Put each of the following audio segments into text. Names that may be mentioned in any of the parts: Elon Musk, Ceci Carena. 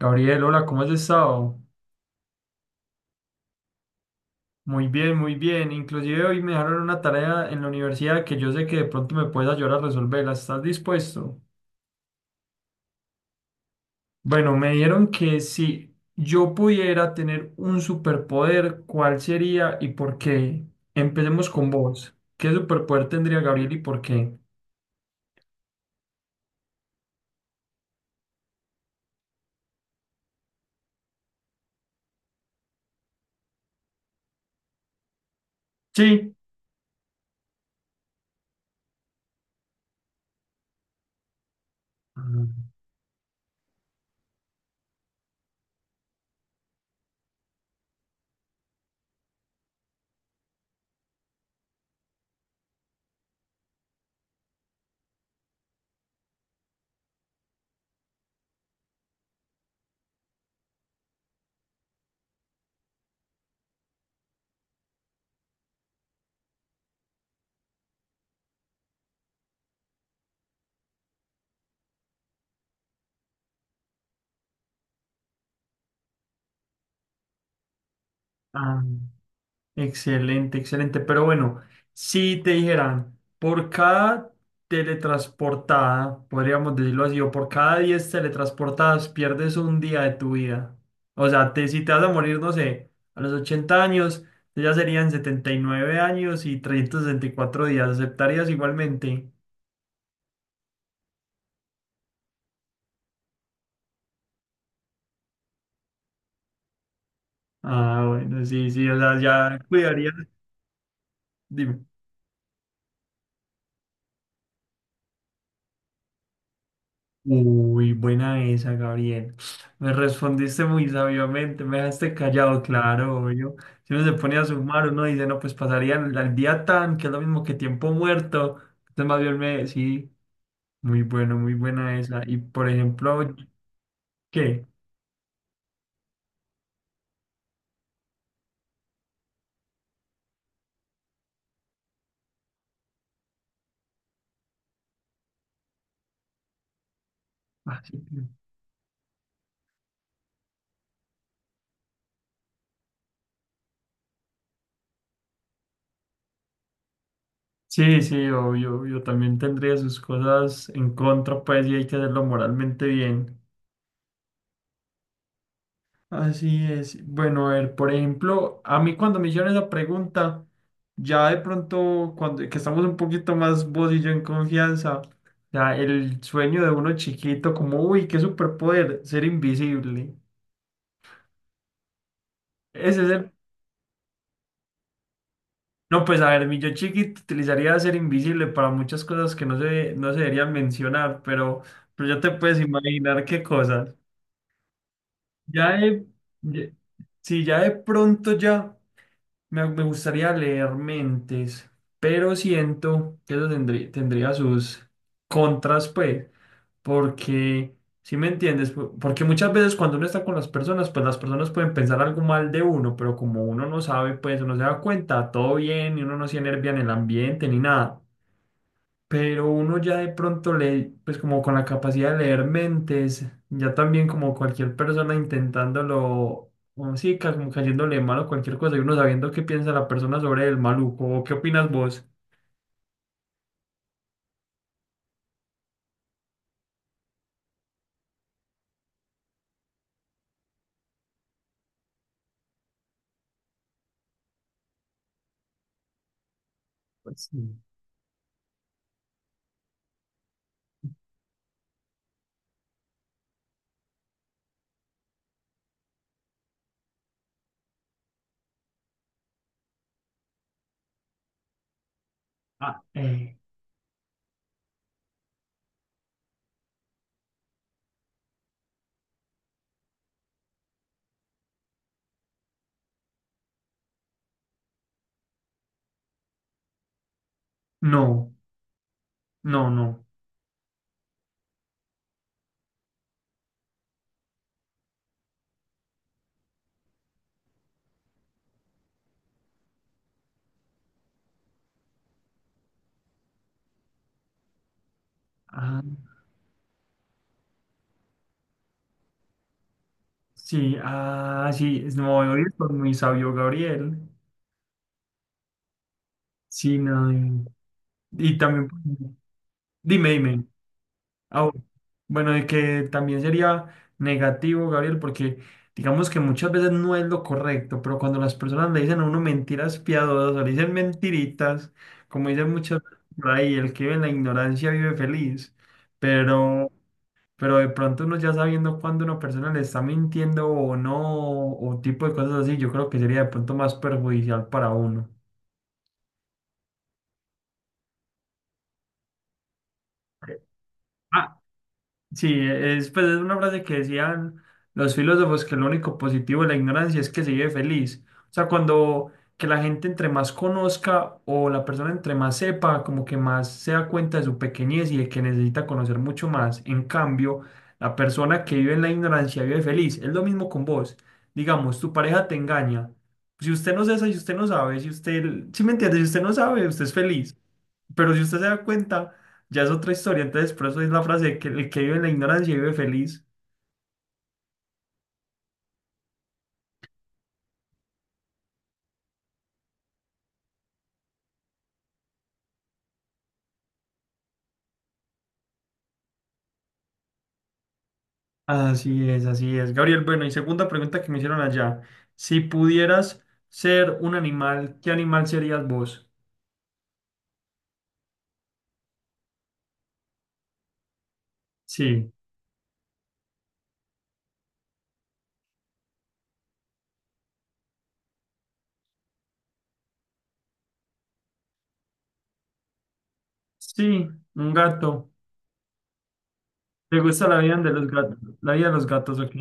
Gabriel, hola, ¿cómo has estado? Muy bien, muy bien. Inclusive hoy me dejaron una tarea en la universidad que yo sé que de pronto me puedes ayudar a resolverla. ¿Estás dispuesto? Bueno, me dieron que si yo pudiera tener un superpoder, ¿cuál sería y por qué? Empecemos con vos. ¿Qué superpoder tendría Gabriel y por qué? Sí. Ah, ah. Excelente, excelente. Pero bueno, si te dijeran, por cada teletransportada, podríamos decirlo así, o por cada 10 teletransportadas pierdes un día de tu vida. O sea, si te vas a morir, no sé, a los 80 años, ya serían 79 años y 364 días. ¿Aceptarías igualmente? Ah, bueno, sí, sí, o sea, ya cuidarías. Dime. Uy, buena esa, Gabriel. Me respondiste muy sabiamente, me dejaste callado, claro, obvio. Si uno se pone a sumar, uno dice, no, pues pasaría el día tan, que es lo mismo que tiempo muerto. Entonces, más bien sí, muy bueno, muy buena esa. Y por ejemplo, ¿qué? Ah, sí, sí, sí, obvio, obvio, también tendría sus cosas en contra, pues, y hay que hacerlo moralmente bien. Así es. Bueno, a ver, por ejemplo, a mí cuando me hicieron esa pregunta, ya de pronto, cuando que estamos un poquito más vos y yo en confianza, ya el sueño de uno chiquito, como, uy, qué superpoder, ser invisible. Ese es el... No, pues a ver, mi yo chiquito utilizaría ser invisible para muchas cosas que no se deberían mencionar, pero ya te puedes imaginar qué cosas. Ya de, ya- sí, ya de pronto ya. Me gustaría leer mentes, pero siento que eso tendría sus contras, pues, porque, si me entiendes, porque muchas veces cuando uno está con las personas, pues las personas pueden pensar algo mal de uno, pero como uno no sabe, pues uno se da cuenta, todo bien, y uno no se enervia en el ambiente ni nada, pero uno ya de pronto le, pues como con la capacidad de leer mentes, ya también como cualquier persona intentándolo, o sí, como cayéndole mal o cualquier cosa, y uno sabiendo qué piensa la persona sobre el maluco, o qué opinas vos. Pues sí. Ah, eh, no, no, no. Ah, sí, ah, sí, no, hoy es por muy sabio Gabriel. Sí, no, y también, pues, dime, dime. Ah, bu- bueno, y que también sería negativo, Gabriel, porque digamos que muchas veces no es lo correcto, pero cuando las personas le dicen a uno mentiras piadosas o le dicen mentiritas, como dicen muchas veces por ahí, el que vive en la ignorancia vive feliz, pero, pero de pronto uno ya sabiendo cuándo una persona le está mintiendo o no, o tipo de cosas así, yo creo que sería de pronto más perjudicial para uno. Ah, sí, es, pues, es una frase que decían los filósofos que lo único positivo de la ignorancia es que se vive feliz. O sea, cuando que la gente entre más conozca o la persona entre más sepa, como que más se da cuenta de su pequeñez y de que necesita conocer mucho más. En cambio, la persona que vive en la ignorancia vive feliz. Es lo mismo con vos. Digamos, tu pareja te engaña. Si usted no sabe, si usted no sabe, si usted, si me entiende, si usted no sabe, usted es feliz. Pero si usted se da cuenta, ya es otra historia. Entonces, por eso es la frase de que el que vive en la ignorancia vive feliz. Así es, así es. Gabriel, bueno, y segunda pregunta que me hicieron allá. Si pudieras ser un animal, ¿qué animal serías vos? Sí, sí, un gato. ¿Te gusta la vida de los gatos? La vida de los gatos, ok.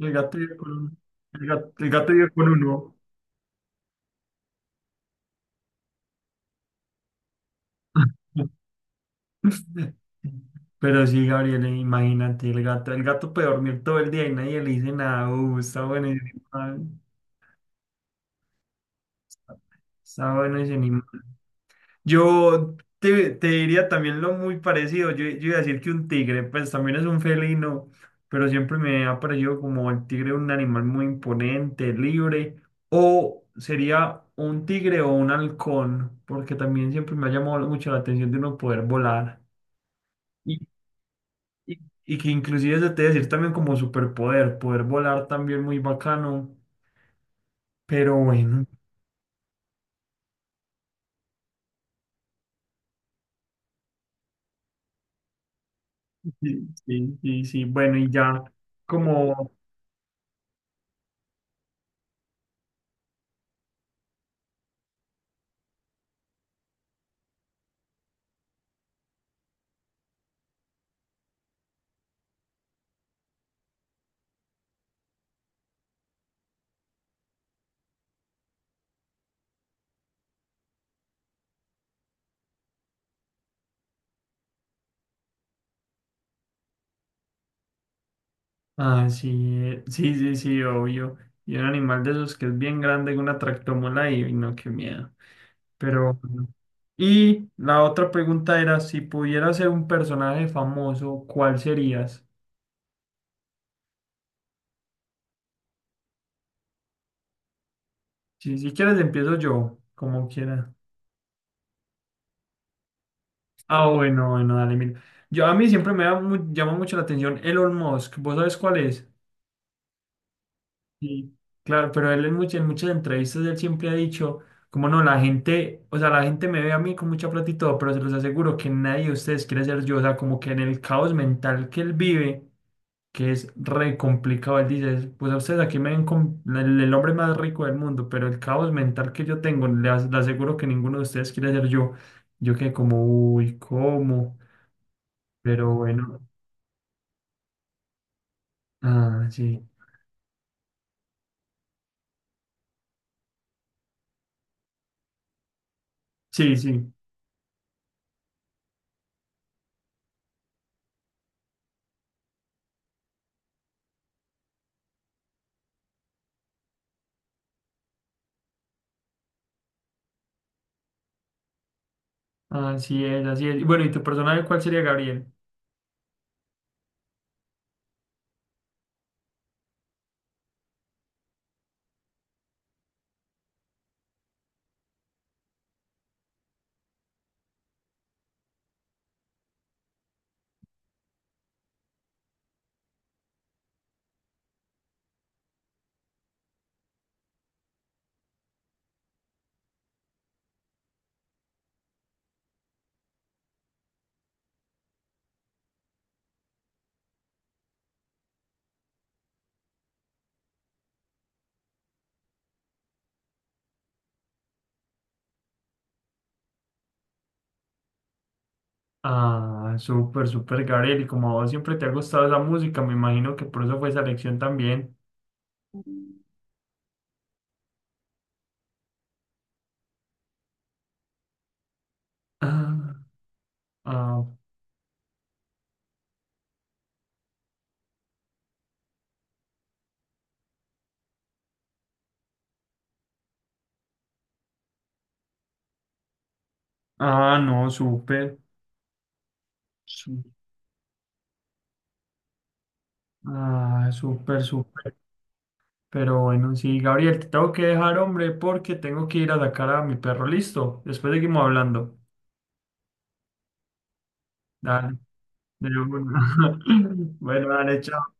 El gato vive con, un- el gato vive con uno. Pero sí, Gabriel, imagínate, el gato puede dormir todo el día y nadie le dice nada. Está bueno ese animal. Está, está bueno ese animal. Te diría también lo muy parecido. Yo iba a decir que un tigre, pues también es un felino, pero siempre me ha parecido como el tigre un animal muy imponente, libre, o sería un tigre o un halcón, porque también siempre me ha llamado mucho la atención de uno poder volar. Y que inclusive se te debe decir también como superpoder, poder volar también muy bacano, pero bueno, sí, sí, sí, sí, bueno, y ya como, ah, sí, sí, sí, sí, obvio, y un animal de esos que es bien grande, una tractomola y no, qué miedo, pero, bueno. Y la otra pregunta era, si pudieras ser un personaje famoso, ¿cuál serías? Si, si quieres empiezo yo, como quieras. Ah, bueno, bueno, dale, mira. A mí siempre me da llama mucho la atención Elon Musk. ¿Vos sabés cuál es? Sí. Claro, pero él en en muchas entrevistas él siempre ha dicho, como no, o sea, la gente me ve a mí con mucha plata y todo, pero se los aseguro que nadie de ustedes quiere ser yo. O sea, como que en el caos mental que él vive, que es re complicado, él dice, pues a ustedes aquí me ven con el hombre más rico del mundo, pero el caos mental que yo tengo, le aseguro que ninguno de ustedes quiere ser yo. Yo quedé como, uy, ¿cómo? Pero bueno. Ah, sí. Sí, sí. Así es, así es. Y bueno, ¿y tu personaje cuál sería Gabriel? Ah, súper, súper Gabriel. Y como a vos siempre te ha gustado esa música, me imagino que por eso fue esa elección también. Ah, ah, ah, no, súper. Su- Ah, súper, súper. Pero bueno, sí, Gabriel, te tengo que dejar, hombre, porque tengo que ir a sacar a mi perro. Listo. Después seguimos hablando. Dale. De una. Bueno, dale, chao.